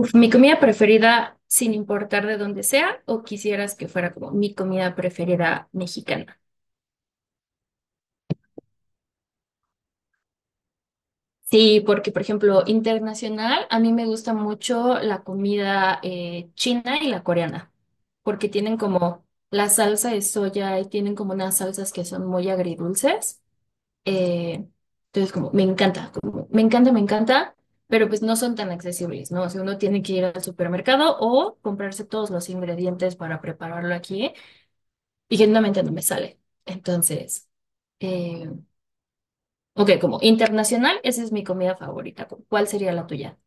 Mi comida preferida, sin importar de dónde sea, o quisieras que fuera como mi comida preferida mexicana. Sí, porque por ejemplo, internacional, a mí me gusta mucho la comida china y la coreana, porque tienen como la salsa de soya y tienen como unas salsas que son muy agridulces. Eh, entonces, como, me encanta, pero pues no son tan accesibles, ¿no? O sea, uno tiene que ir al supermercado o comprarse todos los ingredientes para prepararlo aquí. Y genuinamente no me sale. Entonces, eh, ok, como internacional, esa es mi comida favorita. ¿Cuál sería la tuya?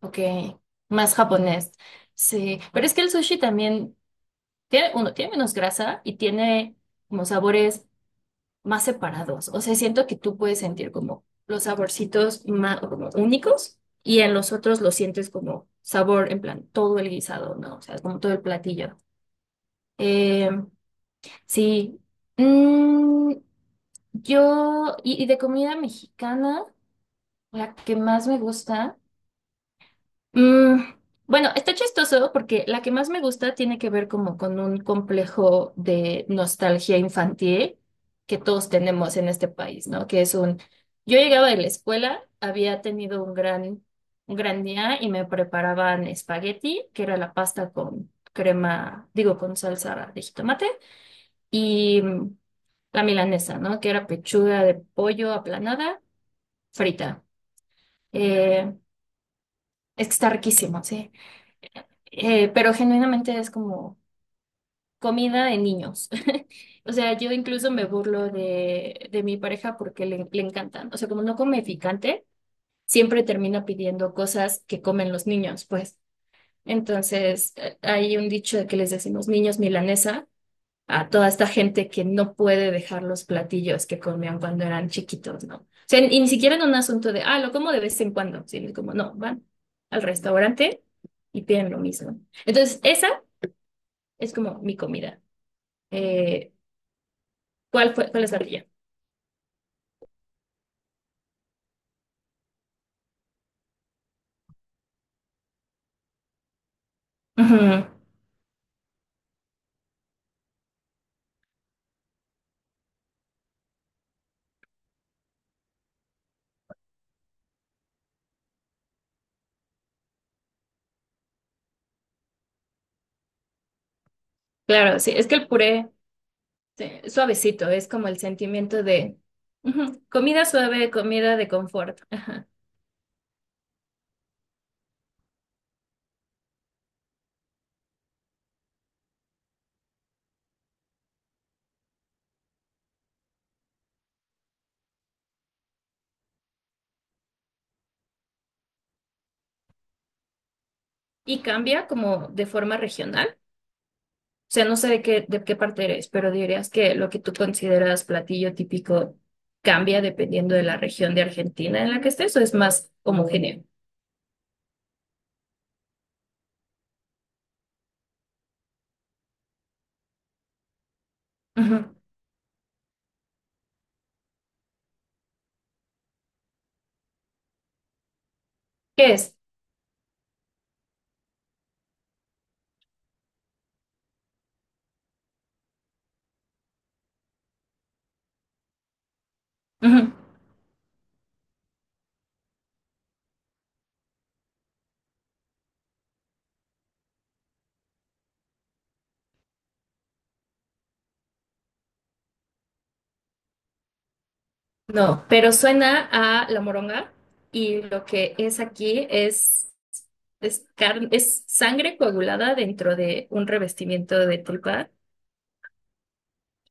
Ok, más japonés. Sí, pero es que el sushi también tiene, uno, tiene menos grasa y tiene como sabores más separados. O sea, siento que tú puedes sentir como los saborcitos más como únicos y en los otros lo sientes como sabor, en plan, todo el guisado, ¿no? O sea, como todo el platillo. Em, Sí. Mm, yo, y de comida mexicana, la que más me gusta. mm, bueno, está chistoso porque la que más me gusta tiene que ver como con un complejo de nostalgia infantil que todos tenemos en este país, ¿no? Que es un, yo llegaba de la escuela, había tenido un un gran día y me preparaban espagueti, que era la pasta con crema, digo, con salsa de jitomate y la milanesa, ¿no? Que era pechuga de pollo aplanada, frita. Eh, es que está riquísimo, sí. Pero genuinamente es como comida de niños. O sea, yo incluso me burlo de mi pareja porque le encantan. O sea, como no come picante, siempre termina pidiendo cosas que comen los niños, pues. Entonces, hay un dicho de que les decimos niños milanesa a toda esta gente que no puede dejar los platillos que comían cuando eran chiquitos, ¿no? O sea, y ni siquiera en un asunto de, ah, lo como de vez en cuando, sino como, no, van al restaurante y piden lo mismo. Entonces, esa es como mi comida. Eh, cuál es la tuya? Ujú. Claro, sí, es que el puré sí, suavecito, es como el sentimiento de ujú, comida suave, comida de confort. Y cambia como de forma regional. O sea, no sé de de qué parte eres, pero dirías que lo que tú consideras platillo típico cambia dependiendo de la región de Argentina en la que estés o es más homogéneo. Ujú. ¿Qué es? Ujú. No, pero suena a la moronga y lo que es aquí es, carne, es sangre coagulada dentro de un revestimiento de tripa.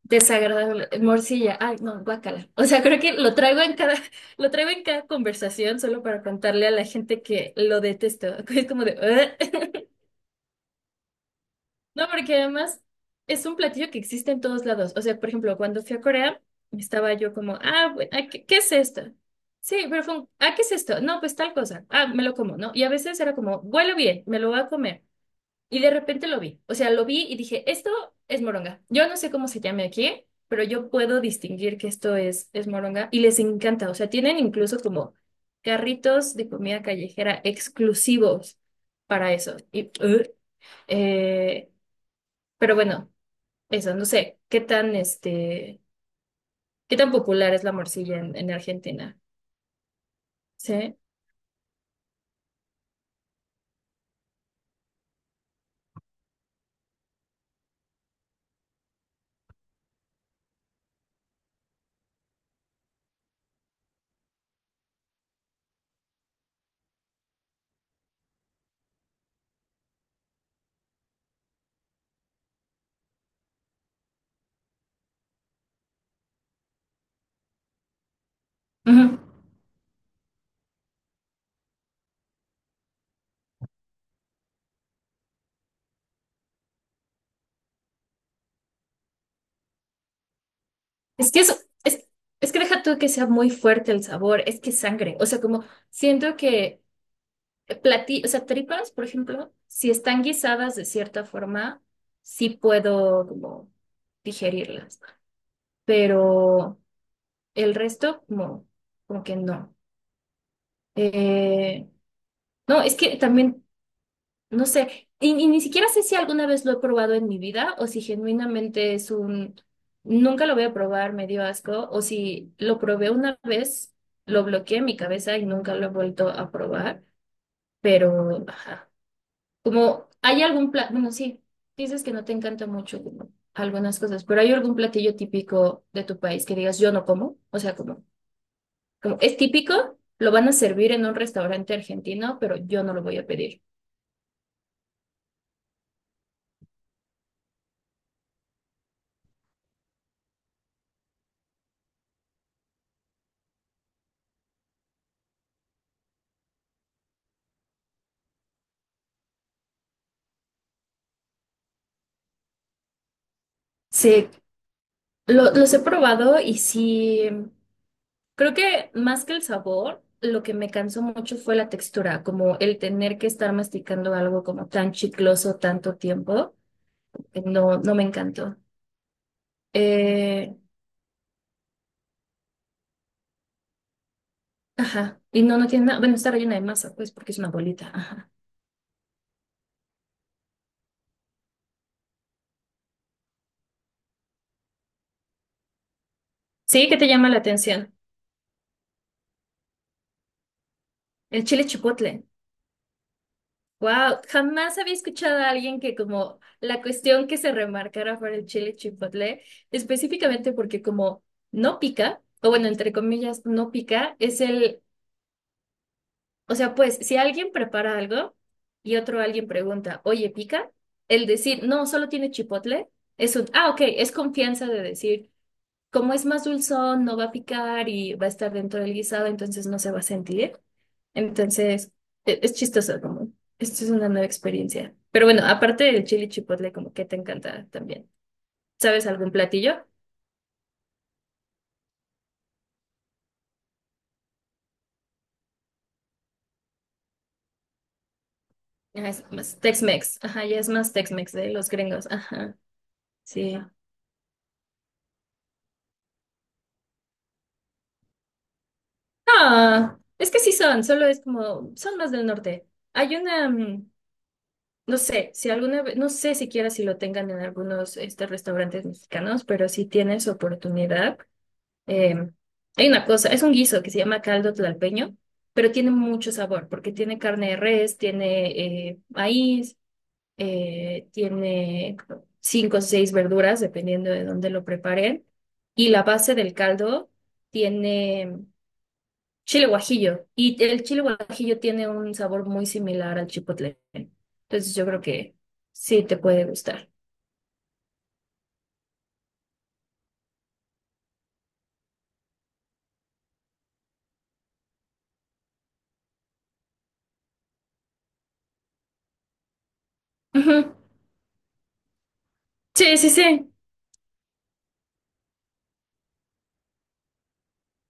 Desagradable, morcilla, ay, no, guácala. O sea, creo que lo traigo en lo traigo en cada conversación solo para contarle a la gente que lo detesto. Es como de, "Ugh". No, porque además es un platillo que existe en todos lados. O sea, por ejemplo, cuando fui a Corea, estaba yo como, ah, bueno, ah, qué es esto? Sí, pero fue un, ah, ¿qué es esto? No, pues tal cosa. Ah, me lo como, ¿no? Y a veces era como, huele bien, me lo voy a comer. Y de repente lo vi. O sea, lo vi y dije, esto es moronga. Yo no sé cómo se llame aquí, pero yo puedo distinguir que esto es moronga y les encanta. O sea, tienen incluso como carritos de comida callejera exclusivos para eso. Eh, pero bueno, eso, no sé, qué tan, este, qué tan popular es la morcilla en Argentina. Sí. Ujú. Es que eso, es, es que deja tú que sea muy fuerte el sabor, es que es sangre. O sea, como siento que platí, o sea, tripas, por ejemplo, si están guisadas de cierta forma, sí puedo como digerirlas, pero el resto como, como que no. Eh, no, es que también, no sé, y ni siquiera sé si alguna vez lo he probado en mi vida o si genuinamente es un, nunca lo voy a probar, me dio asco, o si lo probé una vez, lo bloqueé en mi cabeza y nunca lo he vuelto a probar, pero... ajá. Como, ¿hay algún plato? Bueno, sí, dices que no te encanta mucho como algunas cosas, pero ¿hay algún platillo típico de tu país que digas yo no como? O sea, como, como es típico, lo van a servir en un restaurante argentino, pero yo no lo voy a pedir. Sí, los he probado y sí, creo que más que el sabor, lo que me cansó mucho fue la textura, como el tener que estar masticando algo como tan chicloso tanto tiempo, no, no me encantó. Eh, Ajá. Y no, no tiene nada. Bueno, está rellena de masa, pues, porque es una bolita. Ajá. Sí, ¿qué te llama la atención? El chile chipotle. Wow, jamás había escuchado a alguien que como la cuestión que se remarcara fuera el chile chipotle, específicamente porque como no pica, o bueno, entre comillas, no pica, es el, o sea, pues, si alguien prepara algo y otro alguien pregunta, oye, ¿pica? El decir, no, solo tiene chipotle, es un, ah, ok, es confianza de decir. Como es más dulzón, no va a picar y va a estar dentro del guisado, entonces no se va a sentir. Entonces, es chistoso, como, esto es una nueva experiencia. Pero bueno, aparte del chili chipotle, como que te encanta también. ¿Sabes algún platillo? Ah, es más Tex-Mex. Ajá, ya es más Tex-Mex de los gringos. Ajá, sí. Ah, es que sí son, solo es como, son más del norte. Hay una, mm, no sé, si alguna vez, no sé siquiera si lo tengan en algunos este, restaurantes mexicanos, pero si tienes oportunidad. Eh, hay una cosa, es un guiso que se llama caldo tlalpeño, pero tiene mucho sabor porque tiene carne de res, tiene maíz, tiene cinco o seis verduras, dependiendo de dónde lo preparen. Y la base del caldo tiene chile guajillo. Y el chile guajillo tiene un sabor muy similar al chipotle. Entonces yo creo que sí te puede gustar. Ujú. Sí, sí, sí.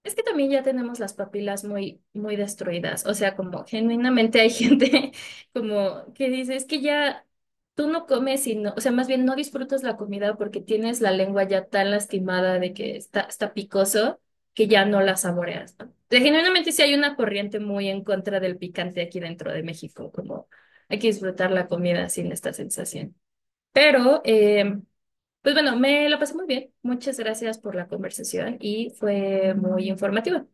Es que también ya tenemos las papilas muy, muy destruidas. O sea, como genuinamente hay gente como que dice, es que ya tú no comes y no, o sea, más bien no disfrutas la comida porque tienes la lengua ya tan lastimada de que está, está picoso que ya no la saboreas, ¿no? O sea, genuinamente sí hay una corriente muy en contra del picante aquí dentro de México, como hay que disfrutar la comida sin esta sensación. Pero, pues bueno, me lo pasé muy bien. Muchas gracias por la conversación y fue muy informativa.